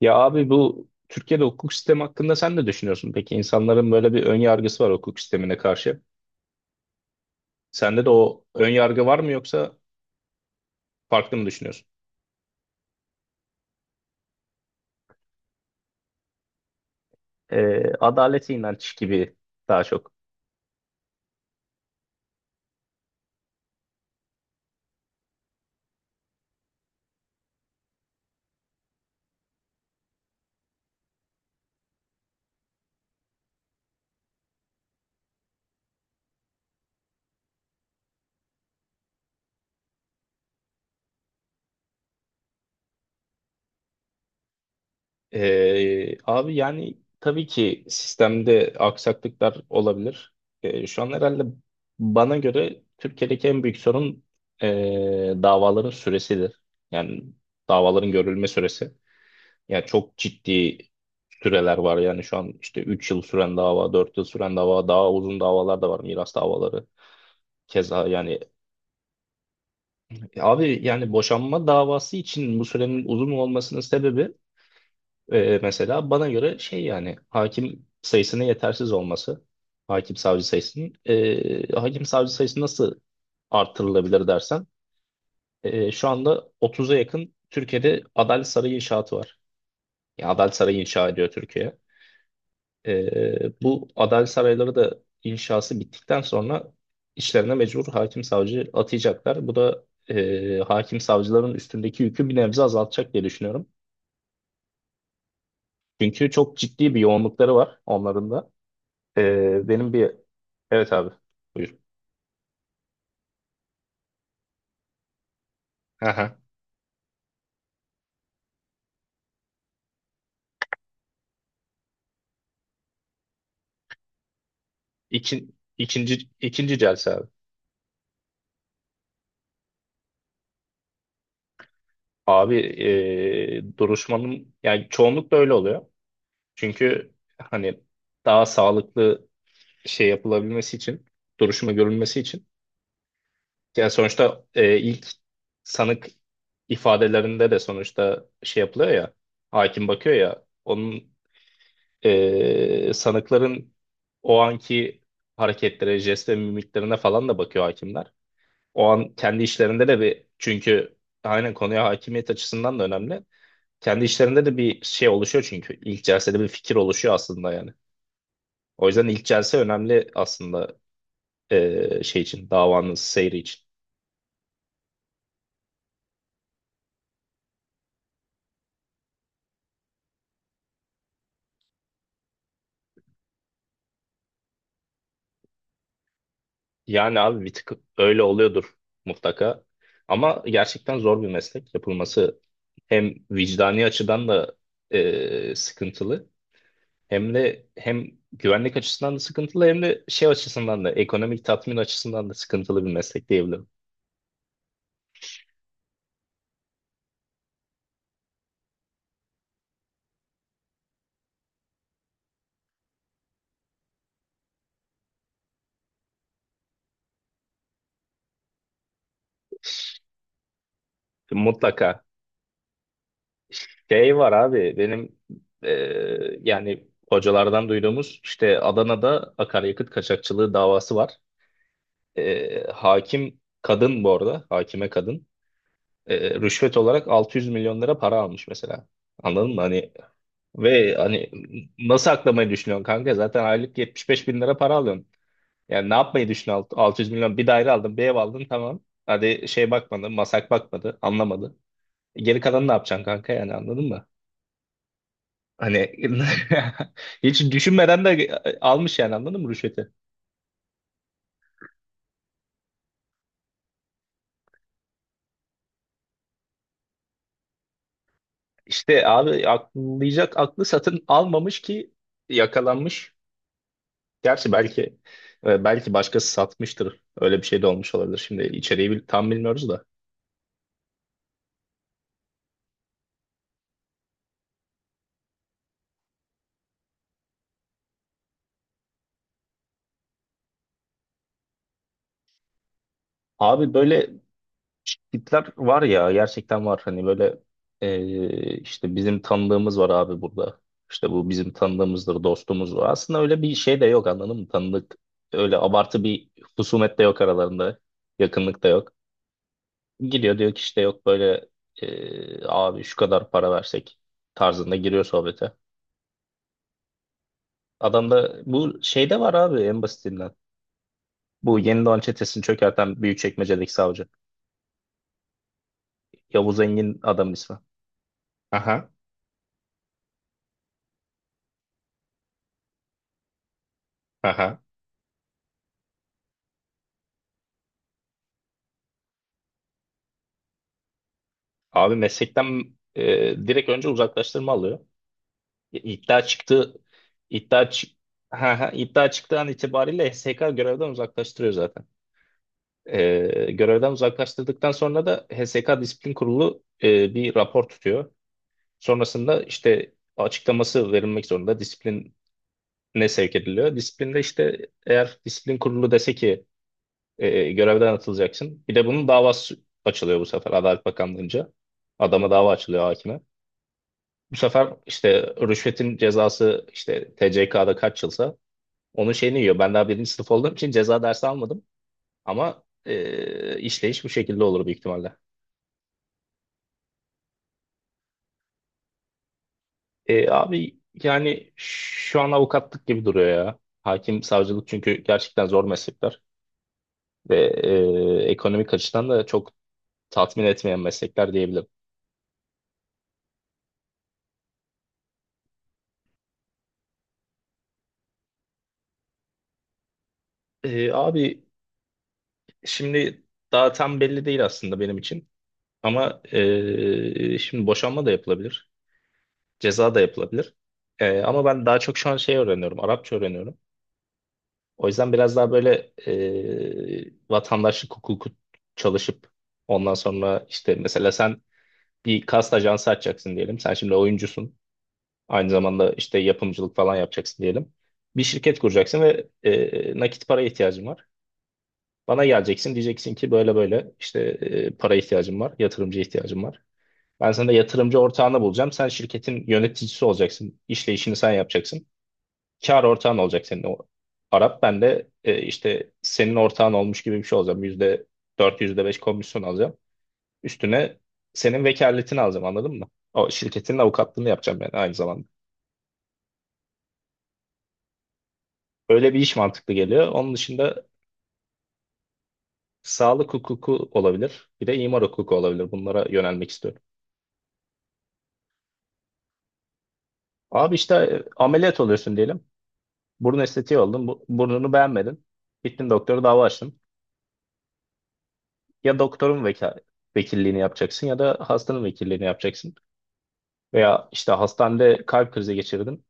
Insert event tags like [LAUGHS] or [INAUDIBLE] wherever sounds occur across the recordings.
Ya abi, bu Türkiye'de hukuk sistemi hakkında sen ne düşünüyorsun? Peki, insanların böyle bir ön yargısı var hukuk sistemine karşı. Sende de o ön yargı var mı, yoksa farklı mı düşünüyorsun? Adalete inanç gibi daha çok. Abi, yani tabii ki sistemde aksaklıklar olabilir. Şu an herhalde bana göre Türkiye'deki en büyük sorun davaların süresidir. Yani davaların görülme süresi. Ya, çok ciddi süreler var, yani şu an işte 3 yıl süren dava, 4 yıl süren dava, daha uzun davalar da var, miras davaları. Keza yani abi, yani boşanma davası için bu sürenin uzun olmasının sebebi, mesela bana göre şey, yani hakim sayısının yetersiz olması. Hakim savcı sayısının. Hakim savcı sayısı nasıl artırılabilir dersen, şu anda 30'a yakın Türkiye'de Adalet Sarayı inşaatı var. Ya, Adalet Sarayı inşa ediyor Türkiye. Bu adalet sarayları da inşası bittikten sonra işlerine mecbur hakim savcı atayacaklar. Bu da hakim savcıların üstündeki yükü bir nebze azaltacak diye düşünüyorum. Çünkü çok ciddi bir yoğunlukları var onların da. Benim bir... Evet abi, buyur. Aha. İki, ikinci, ikinci celse abi. Abi, duruşmanın, yani çoğunlukla öyle oluyor. Çünkü hani daha sağlıklı şey yapılabilmesi için, duruşma görülmesi için. Yani sonuçta ilk sanık ifadelerinde de sonuçta şey yapılıyor ya, hakim bakıyor ya, onun, sanıkların o anki hareketlere, jest ve mimiklerine falan da bakıyor hakimler. O an kendi işlerinde de bir, çünkü aynen konuya hakimiyet açısından da önemli. Kendi işlerinde de bir şey oluşuyor çünkü. İlk celsede bir fikir oluşuyor aslında yani. O yüzden ilk celse önemli aslında, şey için, davanın seyri için. Yani abi bir tık öyle oluyordur mutlaka. Ama gerçekten zor bir meslek yapılması. Hem vicdani açıdan da sıkıntılı. Hem de hem güvenlik açısından da sıkıntılı, hem de şey açısından da, ekonomik tatmin açısından da sıkıntılı bir meslek diyebilirim. Mutlaka. Şey var abi benim, yani hocalardan duyduğumuz işte Adana'da akaryakıt kaçakçılığı davası var. Hakim kadın bu arada hakime kadın, rüşvet olarak 600 milyon lira para almış mesela. Anladın mı? Hani ve hani, nasıl aklamayı düşünüyorsun kanka? Zaten aylık 75 bin lira para alıyorsun. Yani ne yapmayı düşünüyorsun? 600 milyon, bir daire aldın, bir ev aldın, tamam. Hadi şey bakmadı, masak bakmadı, anlamadı. Geri kalanı ne yapacaksın kanka, yani anladın mı? Hani [LAUGHS] hiç düşünmeden de almış, yani anladın mı rüşveti? İşte abi, akıllayacak aklı satın almamış ki, yakalanmış. Gerçi belki, belki başkası satmıştır. Öyle bir şey de olmuş olabilir. Şimdi içeriği tam bilmiyoruz da. Abi böyle tipler var ya, gerçekten var, hani böyle, işte bizim tanıdığımız var abi burada, işte bu bizim tanıdığımızdır, dostumuzdur, aslında öyle bir şey de yok, anladın mı, tanıdık, öyle abartı bir husumet de yok aralarında, yakınlık da yok, gidiyor diyor ki işte yok, böyle, abi şu kadar para versek tarzında giriyor sohbete. Adam da bu şeyde var abi, en basitinden bu Yeni Doğan çetesini çökerten Büyükçekmece'deki savcı Yavuz Engin adam ismi. Aha. Aha. Abi meslekten, direkt önce uzaklaştırma alıyor. İddia çıktı, iddia çık ha, ha, iddia çıktığı an itibariyle HSK görevden uzaklaştırıyor zaten. Görevden uzaklaştırdıktan sonra da HSK Disiplin Kurulu bir rapor tutuyor. Sonrasında işte açıklaması verilmek zorunda, disipline sevk ediliyor. Disiplinde işte, eğer disiplin kurulu dese ki görevden atılacaksın. Bir de bunun davası açılıyor bu sefer Adalet Bakanlığı'nca. Adama dava açılıyor, hakime. Bu sefer işte rüşvetin cezası, işte TCK'da kaç yılsa onun şeyini yiyor. Ben daha birinci sınıf olduğum için ceza dersi almadım. Ama, işleyiş bu şekilde olur büyük ihtimalle. Abi yani şu an avukatlık gibi duruyor ya. Hakim, savcılık çünkü gerçekten zor meslekler. Ve, ekonomik açıdan da çok tatmin etmeyen meslekler diyebilirim. Abi, şimdi daha tam belli değil aslında benim için. Ama, şimdi boşanma da yapılabilir. Ceza da yapılabilir. Ama ben daha çok şu an şey öğreniyorum. Arapça öğreniyorum. O yüzden biraz daha böyle, vatandaşlık hukuku çalışıp ondan sonra işte, mesela sen bir kast ajansı açacaksın diyelim. Sen şimdi oyuncusun. Aynı zamanda işte yapımcılık falan yapacaksın diyelim. Bir şirket kuracaksın ve, nakit para ihtiyacın var. Bana geleceksin, diyeceksin ki böyle böyle işte, para ihtiyacım var, yatırımcı ihtiyacım var. Ben sana yatırımcı ortağını bulacağım. Sen şirketin yöneticisi olacaksın. İşleyişini sen yapacaksın. Kar ortağın olacak senin, o Arap. Ben de, işte senin ortağın olmuş gibi bir şey olacağım. %4, %5 komisyon alacağım. Üstüne senin vekaletini alacağım, anladın mı? O şirketin avukatlığını yapacağım ben aynı zamanda. Öyle bir iş mantıklı geliyor. Onun dışında sağlık hukuku olabilir. Bir de imar hukuku olabilir. Bunlara yönelmek istiyorum. Abi işte, ameliyat oluyorsun diyelim. Burun estetiği oldun. Bu, burnunu beğenmedin. Gittin doktora, dava açtın. Ya doktorun vekilliğini yapacaksın, ya da hastanın vekilliğini yapacaksın. Veya işte hastanede kalp krizi geçirdin.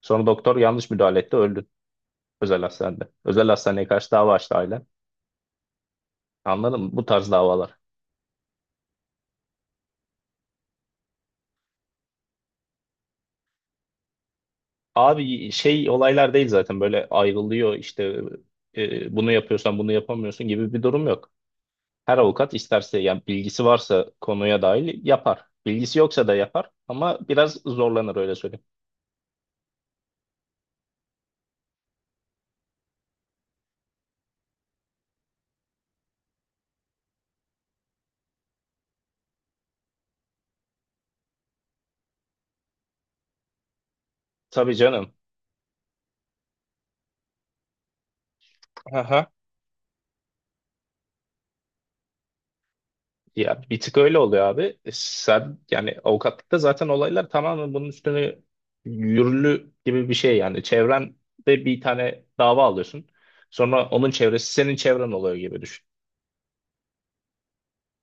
Sonra doktor yanlış müdahale etti, öldün özel hastanede. Özel hastaneye karşı dava açtı ailen. Anladın mı? Bu tarz davalar. Abi şey olaylar değil, zaten böyle ayrılıyor işte, bunu yapıyorsan bunu yapamıyorsun gibi bir durum yok. Her avukat isterse, yani bilgisi varsa konuya dahil yapar. Bilgisi yoksa da yapar, ama biraz zorlanır, öyle söyleyeyim. Tabii canım. Aha. Ya bir tık öyle oluyor abi. Sen yani avukatlıkta zaten olaylar tamamen bunun üstüne yürürlü gibi bir şey yani. Çevrende bir tane dava alıyorsun. Sonra onun çevresi senin çevren oluyor gibi düşün.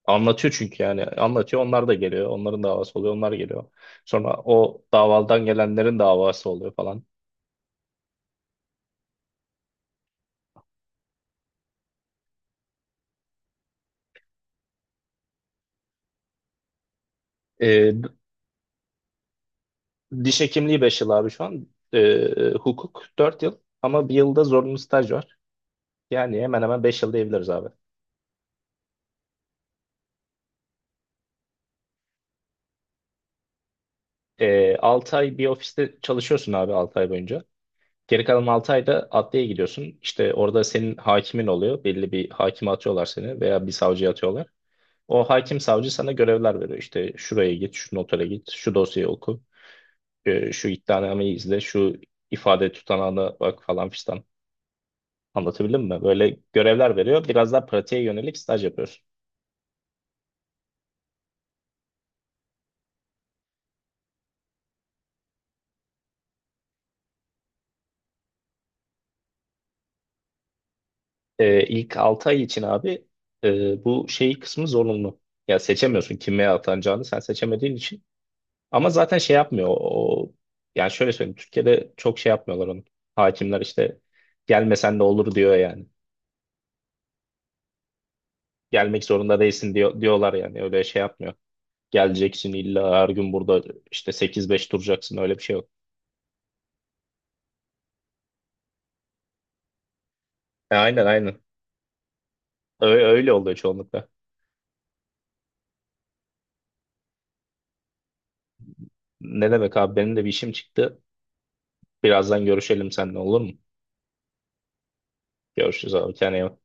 Anlatıyor çünkü, yani anlatıyor, onlar da geliyor. Onların davası oluyor, onlar geliyor. Sonra o davaldan gelenlerin davası oluyor falan. Ee, Diş hekimliği 5 yıl abi şu an. Hukuk 4 yıl, ama bir yılda zorunlu staj var. Yani hemen hemen 5 yıl diyebiliriz abi. 6 ay bir ofiste çalışıyorsun abi, 6 ay boyunca. Geri kalan 6 ayda adliyeye gidiyorsun. İşte orada senin hakimin oluyor. Belli bir hakime atıyorlar seni, veya bir savcıya atıyorlar. O hakim savcı sana görevler veriyor. İşte şuraya git, şu notere git, şu dosyayı oku, şu iddianameyi izle, şu ifade tutanağına bak falan fistan. Anlatabildim mi? Böyle görevler veriyor. Biraz daha pratiğe yönelik staj yapıyorsun. İlk 6 ay için abi, bu şey kısmı zorunlu. Ya seçemiyorsun, kime atanacağını sen seçemediğin için. Ama zaten şey yapmıyor. O, yani şöyle söyleyeyim. Türkiye'de çok şey yapmıyorlar onu. Hakimler işte gelmesen de olur diyor yani. Gelmek zorunda değilsin diyor, diyorlar yani. Öyle şey yapmıyor. Geleceksin illa, her gün burada işte sekiz beş duracaksın, öyle bir şey yok. Aynen, aynen. Öyle, öyle oluyor çoğunlukla. Ne demek abi, benim de bir işim çıktı. Birazdan görüşelim seninle, olur mu? Görüşürüz abi. Kendine iyi bak.